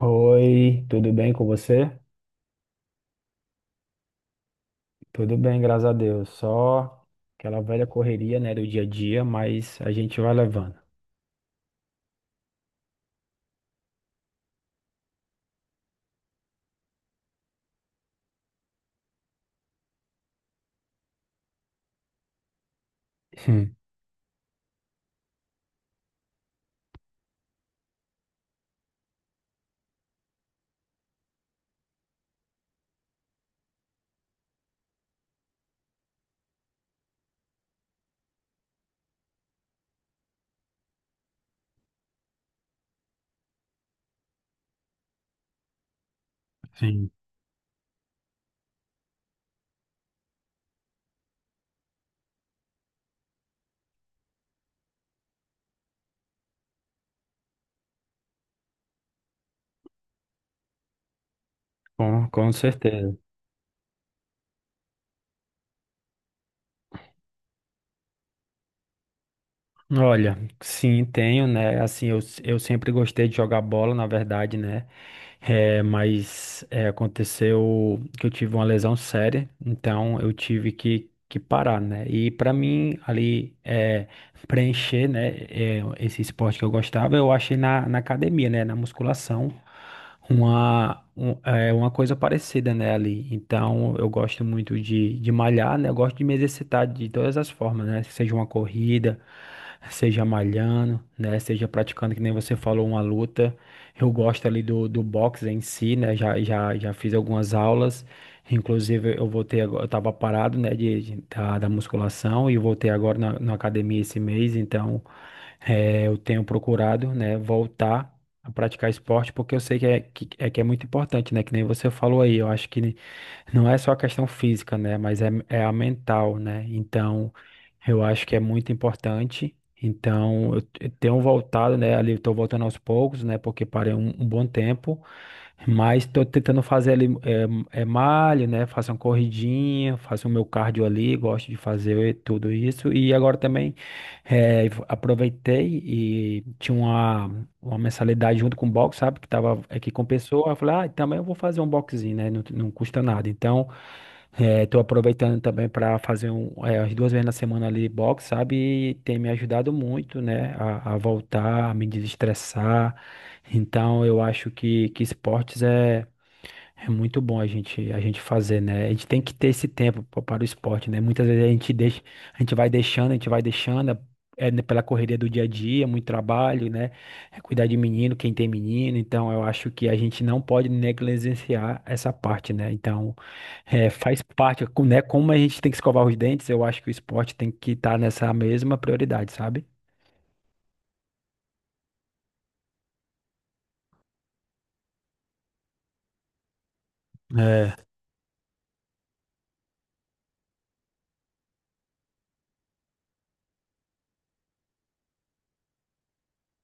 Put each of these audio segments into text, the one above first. Oi, tudo bem com você? Tudo bem, graças a Deus. Só aquela velha correria, né, do dia a dia, mas a gente vai levando. Sim, sim, com certeza. Olha, sim, tenho, né? Assim, eu sempre gostei de jogar bola, na verdade, né? É, mas é, aconteceu que eu tive uma lesão séria, então eu tive que parar, né? E pra mim, ali, é preencher, né, esse esporte que eu gostava, eu achei na academia, né, na musculação, uma coisa parecida, né, ali. Então, eu gosto muito de malhar, né, eu gosto de me exercitar de todas as formas, né, seja uma corrida, seja malhando, né, seja praticando, que nem você falou, uma luta. Eu gosto ali do boxe em si, né, já fiz algumas aulas. Inclusive, eu voltei agora, eu tava parado, né, da musculação e voltei agora na academia esse mês, então eu tenho procurado, né, voltar a praticar esporte, porque eu sei que é muito importante, né, que nem você falou aí, eu acho que não é só a questão física, né, mas é a mental, né, então eu acho que é muito importante, então eu tenho voltado, né, ali eu tô voltando aos poucos, né, porque parei um bom tempo, mas tô tentando fazer ali, é malho, né? Faço uma corridinha, faço o meu cardio ali, gosto de fazer tudo isso. E agora também aproveitei e tinha uma mensalidade junto com o box, sabe? Que tava aqui com pessoa. Eu falei, ah, também eu vou fazer um boxinho, né? Não, não custa nada. Então, estou aproveitando também para fazer um, as duas vezes na semana ali box, sabe? E tem me ajudado muito, né? A voltar, a me desestressar. Então, eu acho que esportes é, é muito bom a gente fazer, né? A gente tem que ter esse tempo para o esporte, né? Muitas vezes a gente deixa, a gente vai deixando, a gente vai deixando, é, né, pela correria do dia a dia, muito trabalho, né? É cuidar de menino, quem tem menino. Então, eu acho que a gente não pode negligenciar essa parte, né? Então, é, faz parte, né? Como a gente tem que escovar os dentes, eu acho que o esporte tem que estar nessa mesma prioridade, sabe? É,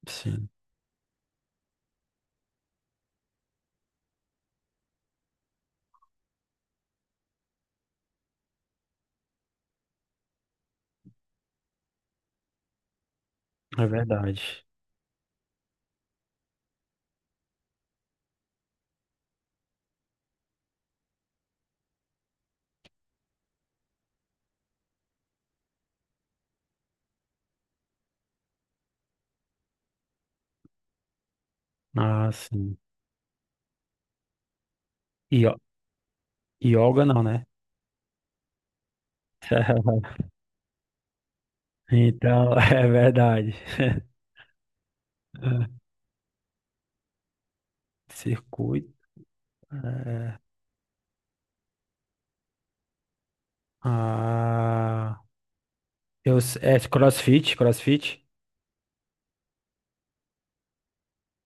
sim. É verdade. Ah, sim. E yoga não, né? Então, é verdade. Circuito. é, ah, é CrossFit, CrossFit.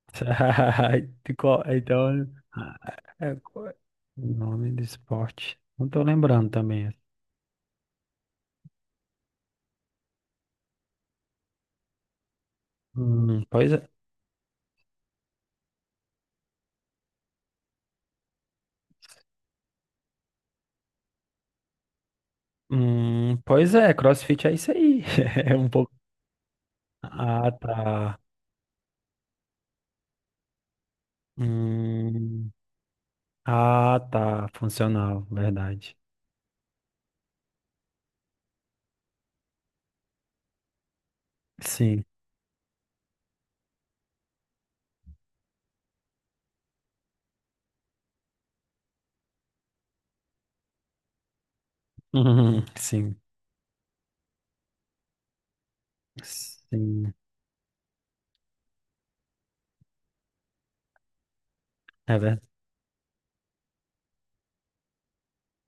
Então, é, qual é o nome do esporte. Não tô lembrando também. Pois é. Pois é, CrossFit é isso aí. É um pouco. Ah, tá. Hum, ah, tá. Funcional, verdade. Sim. Sim. Sim, é, ver-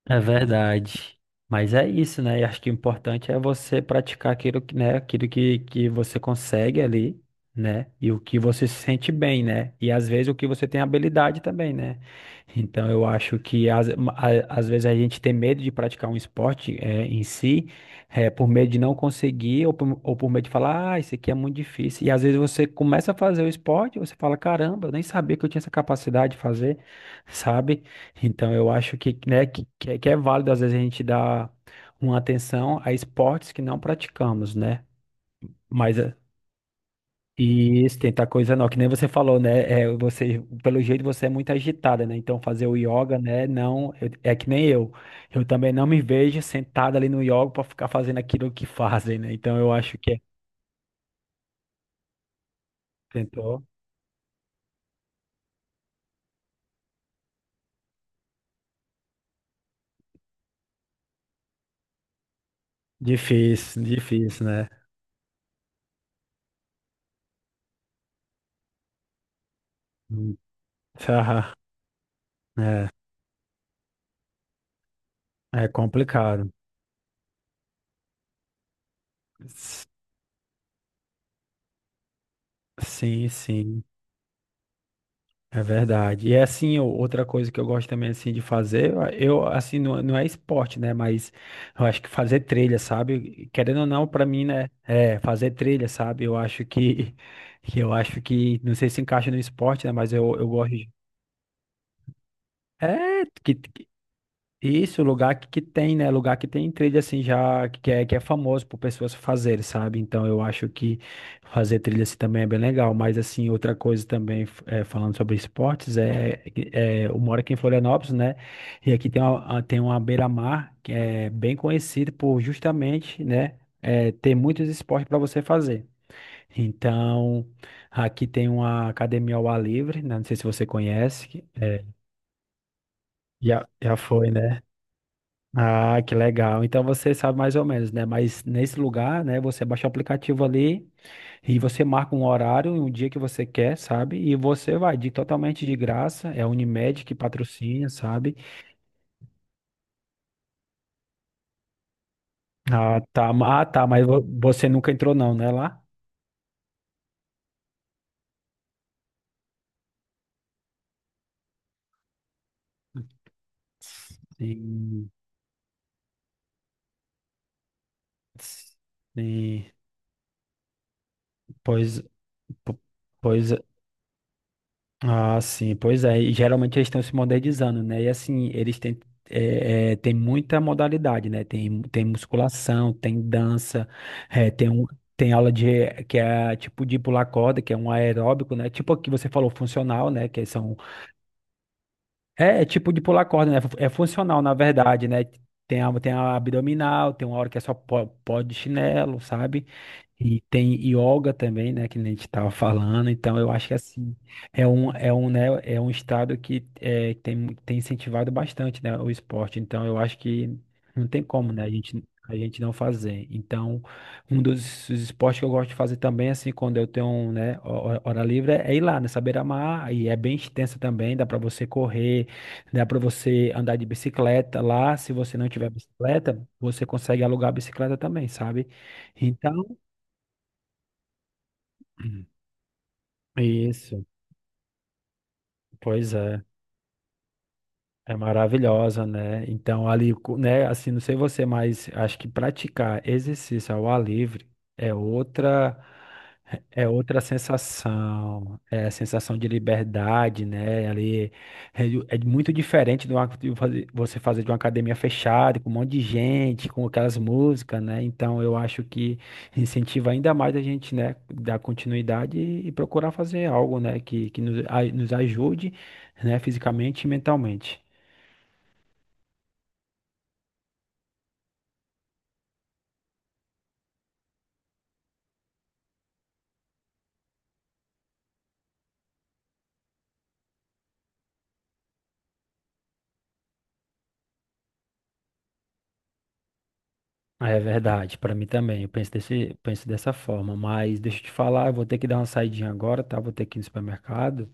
é verdade. Mas é isso, né? E acho que o importante é você praticar aquilo que, né, aquilo que você consegue ali, né? E o que você se sente bem, né? E às vezes o que você tem habilidade também, né? Então eu acho que às vezes a gente tem medo de praticar um esporte em si, é, por medo de não conseguir, ou por medo de falar, ah, isso aqui é muito difícil. E às vezes você começa a fazer o esporte, você fala, caramba, eu nem sabia que eu tinha essa capacidade de fazer. Sabe? Então, eu acho que, né, que é válido às vezes a gente dar uma atenção a esportes que não praticamos, né? Mas é, e isso, tentar coisa não que nem você falou, né? É, pelo jeito você é muito agitada, né? Então fazer o yoga, né? Não, é que nem eu. Eu também não me vejo sentada ali no yoga para ficar fazendo aquilo que fazem, né? Então eu acho que é tentou. Difícil, difícil, né? Hum, tá. É, é complicado. S- Sim, sim. É verdade. E é, assim, outra coisa que eu gosto também assim de fazer, eu assim não, não é esporte, né, mas eu acho que fazer trilha, sabe? Querendo ou não, pra mim, né, é fazer trilha, sabe? Eu acho que que eu acho que não sei se encaixa no esporte, né, mas eu gosto de, é que isso, lugar que tem, né? Lugar que tem trilha assim já que é famoso por pessoas fazerem, sabe? Então eu acho que fazer trilha assim também é bem legal. Mas assim, outra coisa também, falando sobre esportes, é eu moro aqui em Florianópolis, né? E aqui tem uma, tem uma beira-mar que é bem conhecida por justamente, né? Ter muitos esportes para você fazer. Então, aqui tem uma academia ao ar livre, né? Não sei se você conhece. É. Já, já foi, né? Ah, que legal. Então você sabe mais ou menos, né? Mas nesse lugar, né, você baixa o aplicativo ali e você marca um horário, e um dia que você quer, sabe? E você vai de totalmente de graça, é a Unimed que patrocina, sabe? Ah, tá. Ah, tá, mas você nunca entrou não, né, lá? Sim. Sim. Pois, po- pois. Ah, sim, pois é. E geralmente eles estão se modernizando, né? E assim, eles têm, tem muita modalidade, né? Tem, tem musculação, tem dança, é, tem, um, tem aula de que é tipo de pular corda, que é um aeróbico, né? Tipo o que você falou, funcional, né? Que são. É, é tipo de pular corda, né? É funcional, na verdade, né? Tem a, tem a abdominal, tem uma hora que é só pó, pó de chinelo, sabe? E tem yoga também, né, que nem a gente estava falando. Então, eu acho que assim, é um, né, é um estado que é, tem, tem incentivado bastante, né, o esporte. Então, eu acho que não tem como, né, a gente não fazer. Então, um dos esportes que eu gosto de fazer também, assim, quando eu tenho, né, hora livre, é ir lá nessa beira-mar. E é bem extensa também, dá para você correr, dá para você andar de bicicleta lá. Se você não tiver bicicleta, você consegue alugar a bicicleta também, sabe? Então, isso, pois é. É maravilhosa, né? Então, ali, né, assim, não sei você, mas acho que praticar exercício ao ar livre é outra é outra sensação, é a sensação de liberdade, né? Ali é muito diferente do ato de você fazer de uma academia fechada, com um monte de gente, com aquelas músicas, né? Então, eu acho que incentiva ainda mais a gente, né, dar continuidade e procurar fazer algo, né, que, nos ajude, né, fisicamente e mentalmente. É verdade, para mim também. Eu penso desse, penso dessa forma. Mas deixa eu te falar, eu vou ter que dar uma saidinha agora, tá? Vou ter que ir no supermercado.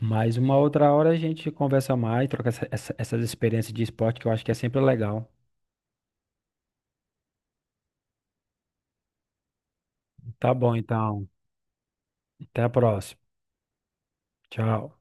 Mas uma outra hora a gente conversa mais, troca essas experiências de esporte que eu acho que é sempre legal. Tá bom, então. Até a próxima. Tchau.